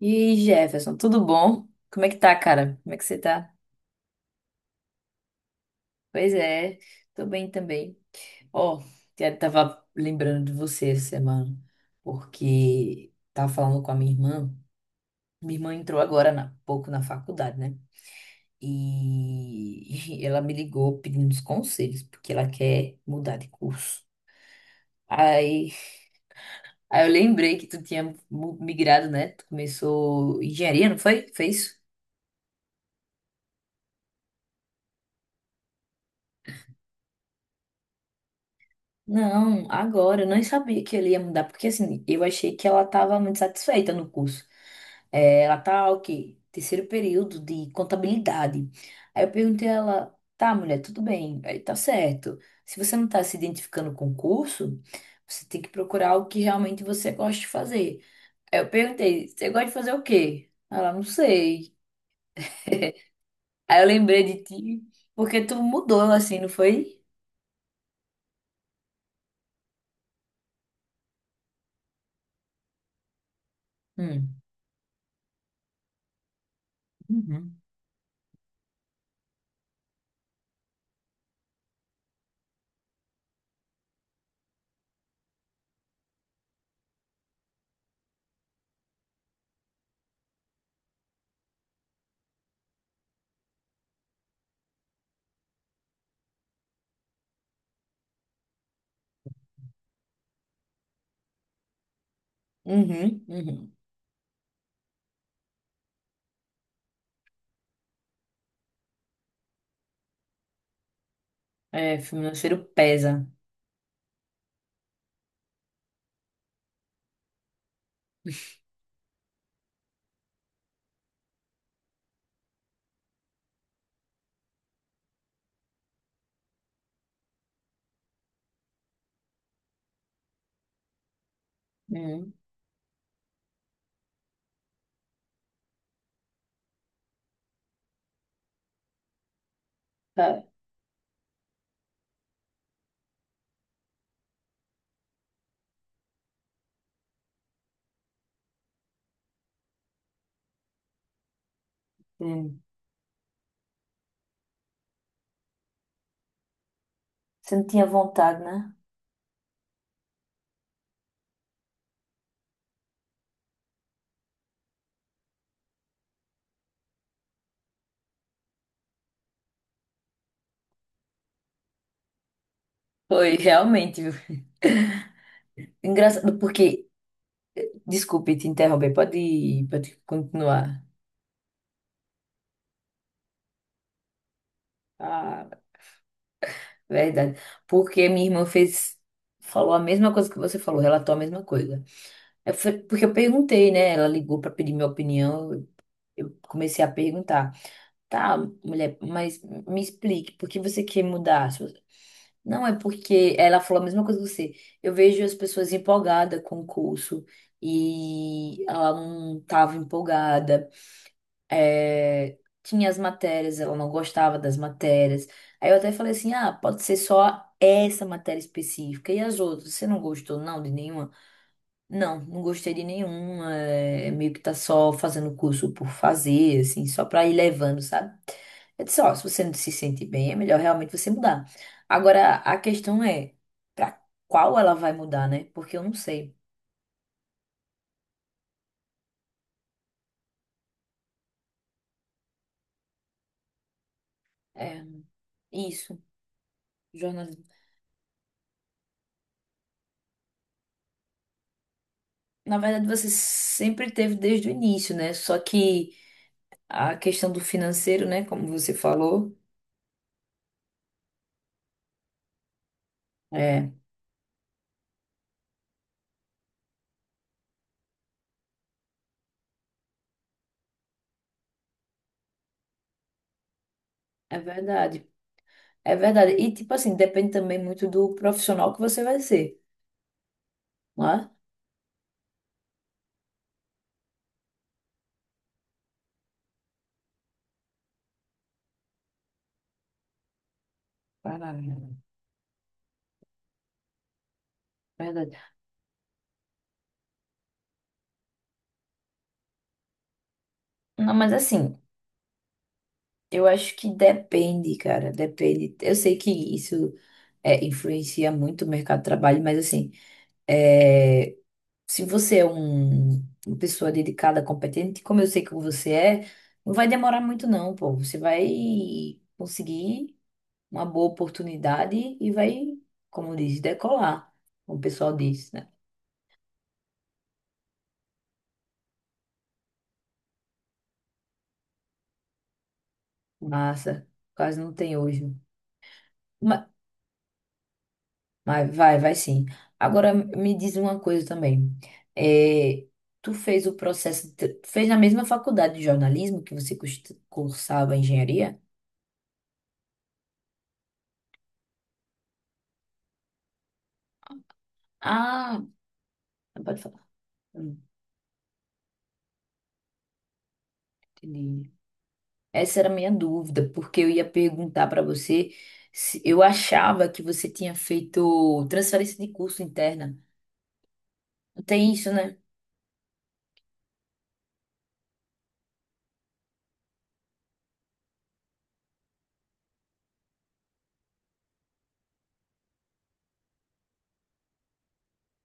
E aí, Jefferson, tudo bom? Como é que tá, cara? Como é que você tá? Pois é, tô bem também. Ó, eu tava lembrando de você essa semana, porque tava falando com a minha irmã. Minha irmã entrou há pouco na faculdade, né? E ela me ligou pedindo uns conselhos, porque ela quer mudar de curso. Aí, aí eu lembrei que tu tinha migrado, né? Tu começou engenharia, não foi? Foi isso? Não, agora, eu não sabia que ele ia mudar, porque assim, eu achei que ela estava muito satisfeita no curso. É, ela tá, o quê? Terceiro período de contabilidade. Aí eu perguntei a ela, tá, mulher, tudo bem, aí tá certo. Se você não tá se identificando com o curso, você tem que procurar o que realmente você gosta de fazer. Aí eu perguntei, você gosta de fazer o quê? Ela, não sei. Aí eu lembrei de ti, porque tu mudou assim, não foi? Hum. Uhum. Uhum. É, financeiro pesa. Uhum. É. Hum. Você não tinha vontade, né? Foi, realmente, viu? Engraçado, porque. Desculpe te interromper, pode continuar. Ah, verdade. Porque minha irmã fez. Falou a mesma coisa que você falou, relatou a mesma coisa. Porque eu perguntei, né? Ela ligou para pedir minha opinião. Eu comecei a perguntar. Tá, mulher, mas me explique, por que você quer mudar? Não é porque ela falou a mesma coisa que você. Eu vejo as pessoas empolgadas com o curso e ela não estava empolgada. É, tinha as matérias, ela não gostava das matérias. Aí eu até falei assim: ah, pode ser só essa matéria específica e as outras. Você não gostou, não, de nenhuma? Não, não gostei de nenhuma. Meio que tá só fazendo curso por fazer, assim, só pra ir levando, sabe? Eu disse, ó, se você não se sente bem, é melhor realmente você mudar. Agora, a questão é pra qual ela vai mudar, né? Porque eu não sei. É, isso, jornalismo. Na verdade, você sempre teve desde o início, né? Só que a questão do financeiro, né? Como você falou, é, é verdade. É verdade. E, tipo assim, depende também muito do profissional que você vai ser. Né? Caralho, verdade. Não, mas assim, eu acho que depende, cara, depende. Eu sei que isso influencia muito o mercado de trabalho, mas assim, é, se você é uma pessoa dedicada, competente, como eu sei que você é, não vai demorar muito não, pô. Você vai conseguir uma boa oportunidade e vai, como diz, decolar, como o pessoal diz, né? Massa, quase não tem hoje. Ma- Vai, vai, vai sim. Agora me diz uma coisa também. É, tu fez o processo, tu fez na mesma faculdade de jornalismo que você cursava engenharia? Ah, pode falar. Hum, Entendi. Essa era a minha dúvida, porque eu ia perguntar para você se eu achava que você tinha feito transferência de curso interna. Não tem isso, né?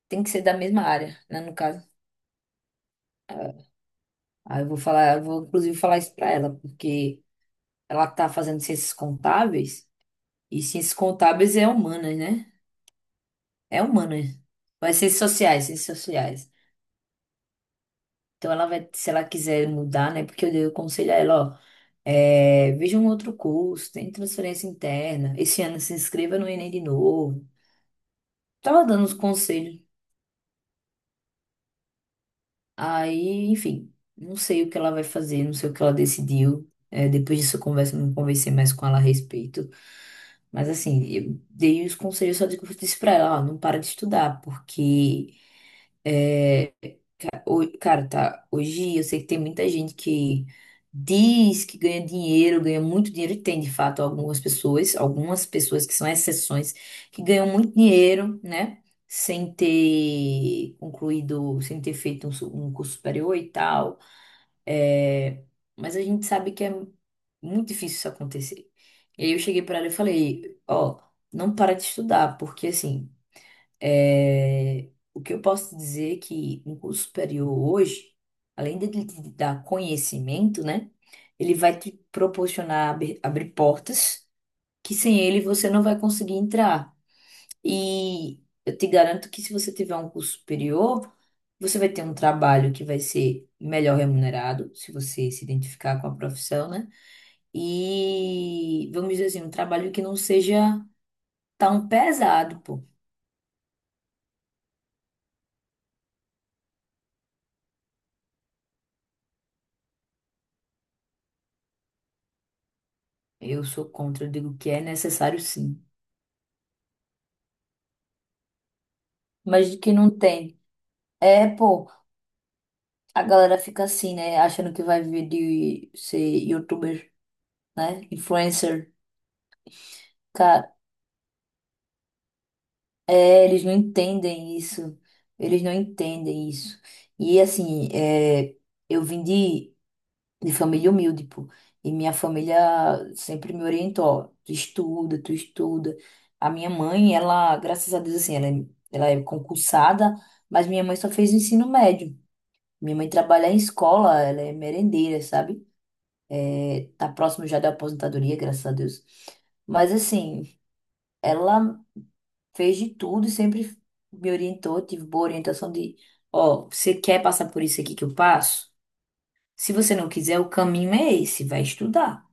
Tem que ser da mesma área, né, no caso. Ah, eu vou falar, eu vou inclusive falar isso para ela, porque ela tá fazendo ciências contábeis. E ciências contábeis é humanas, né? É humanas. Vai ser sociais, ciências sociais. Então ela vai, se ela quiser mudar, né? Porque eu dei o conselho a ela, ó, veja um outro curso, tem transferência interna. Esse ano se inscreva no Enem de novo. Tava dando uns conselhos. Aí, enfim, não sei o que ela vai fazer, não sei o que ela decidiu. É, depois disso eu converso, não conversei mais com ela a respeito. Mas assim, eu dei os conselhos só de que eu disse pra ela, ó, não para de estudar, porque cara, tá. Hoje eu sei que tem muita gente que diz que ganha dinheiro, ganha muito dinheiro, e tem de fato algumas pessoas que são exceções, que ganham muito dinheiro, né? Sem ter concluído, sem ter feito um curso superior e tal. É, mas a gente sabe que é muito difícil isso acontecer. E aí eu cheguei pra ela e falei: ó, não para de estudar, porque assim. É, o que eu posso dizer é que um curso superior hoje, além de ele te dar conhecimento, né, ele vai te proporcionar abrir portas que sem ele você não vai conseguir entrar. E eu te garanto que se você tiver um curso superior, você vai ter um trabalho que vai ser melhor remunerado, se você se identificar com a profissão, né? E vamos dizer assim, um trabalho que não seja tão pesado, pô. Eu sou contra, eu digo que é necessário sim. Mas de que não tem. É, pô, a galera fica assim, né? Achando que vai viver de ser youtuber, né? Influencer. Cara, é, eles não entendem isso. Eles não entendem isso. E assim, é, eu vim de, de família humilde, pô. E minha família sempre me orientou. Ó, tu estuda, tu estuda. A minha mãe, ela, graças a Deus, assim, ela é concursada, mas minha mãe só fez o ensino médio. Minha mãe trabalha em escola, ela é merendeira, sabe? Tá próximo já da aposentadoria, graças a Deus. Mas assim, ela fez de tudo e sempre me orientou, tive boa orientação de, ó, você quer passar por isso aqui que eu passo? Se você não quiser, o caminho é esse, vai estudar.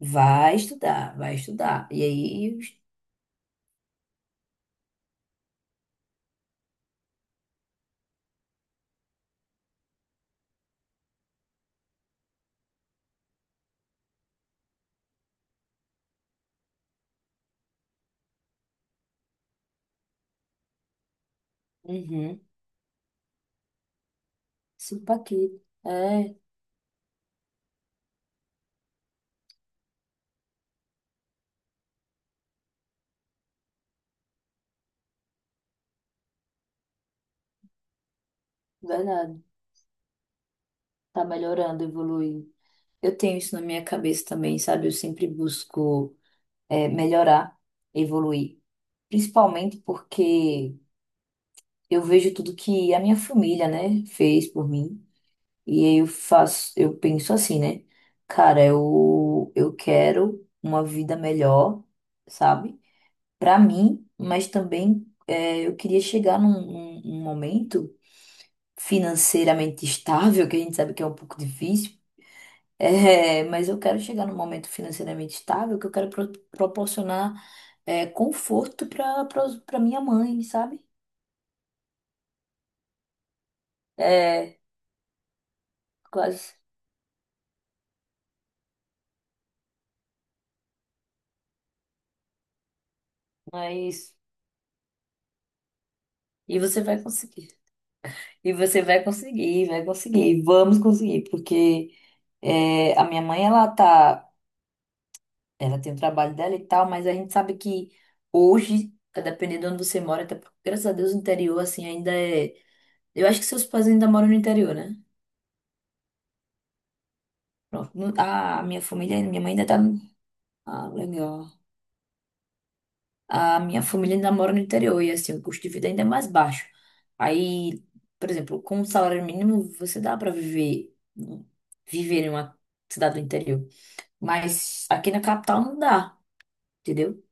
Vai estudar, vai estudar. E aí, uhum, supa aqui. É, verdade. Tá melhorando, evoluindo. Eu tenho isso na minha cabeça também, sabe? Eu sempre busco melhorar, evoluir. Principalmente porque eu vejo tudo que a minha família, né, fez por mim. E aí eu faço, eu penso assim, né? Cara, eu quero uma vida melhor, sabe? Pra mim, mas também é, eu queria chegar num momento financeiramente estável, que a gente sabe que é um pouco difícil. É, mas eu quero chegar num momento financeiramente estável que eu quero proporcionar é, conforto pra minha mãe, sabe? É, quase. Mas. E você vai conseguir. E você vai conseguir, vai conseguir. Vamos conseguir, porque é, a minha mãe, ela tá, ela tem o trabalho dela e tal, mas a gente sabe que hoje, dependendo de onde você mora, até porque, graças a Deus, o interior, assim, ainda é. Eu acho que seus pais ainda moram no interior, né? Pronto. A minha família, minha mãe ainda tá. Ah, legal. A minha família ainda mora no interior e assim, o custo de vida ainda é mais baixo. Aí, por exemplo, com um salário mínimo, você dá para viver em uma cidade do interior, mas aqui na capital não dá, entendeu?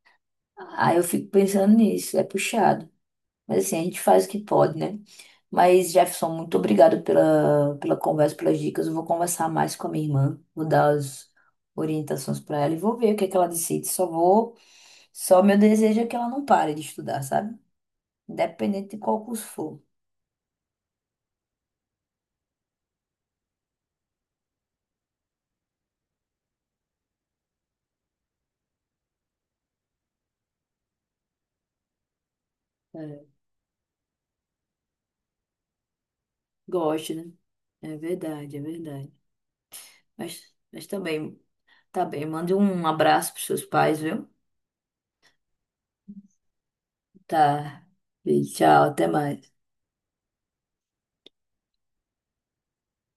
Aí eu fico pensando nisso, é puxado. Mas assim, a gente faz o que pode, né? Mas, Jefferson, muito obrigado pela conversa, pelas dicas. Eu vou conversar mais com a minha irmã, vou dar as orientações para ela e vou ver o que é que ela decide. Só meu desejo é que ela não pare de estudar, sabe? Independente de qual curso for. É, gosto, né? É verdade, é verdade. Mas também, tá bem. Mande um abraço pros seus pais, viu? Tá. E tchau, até mais.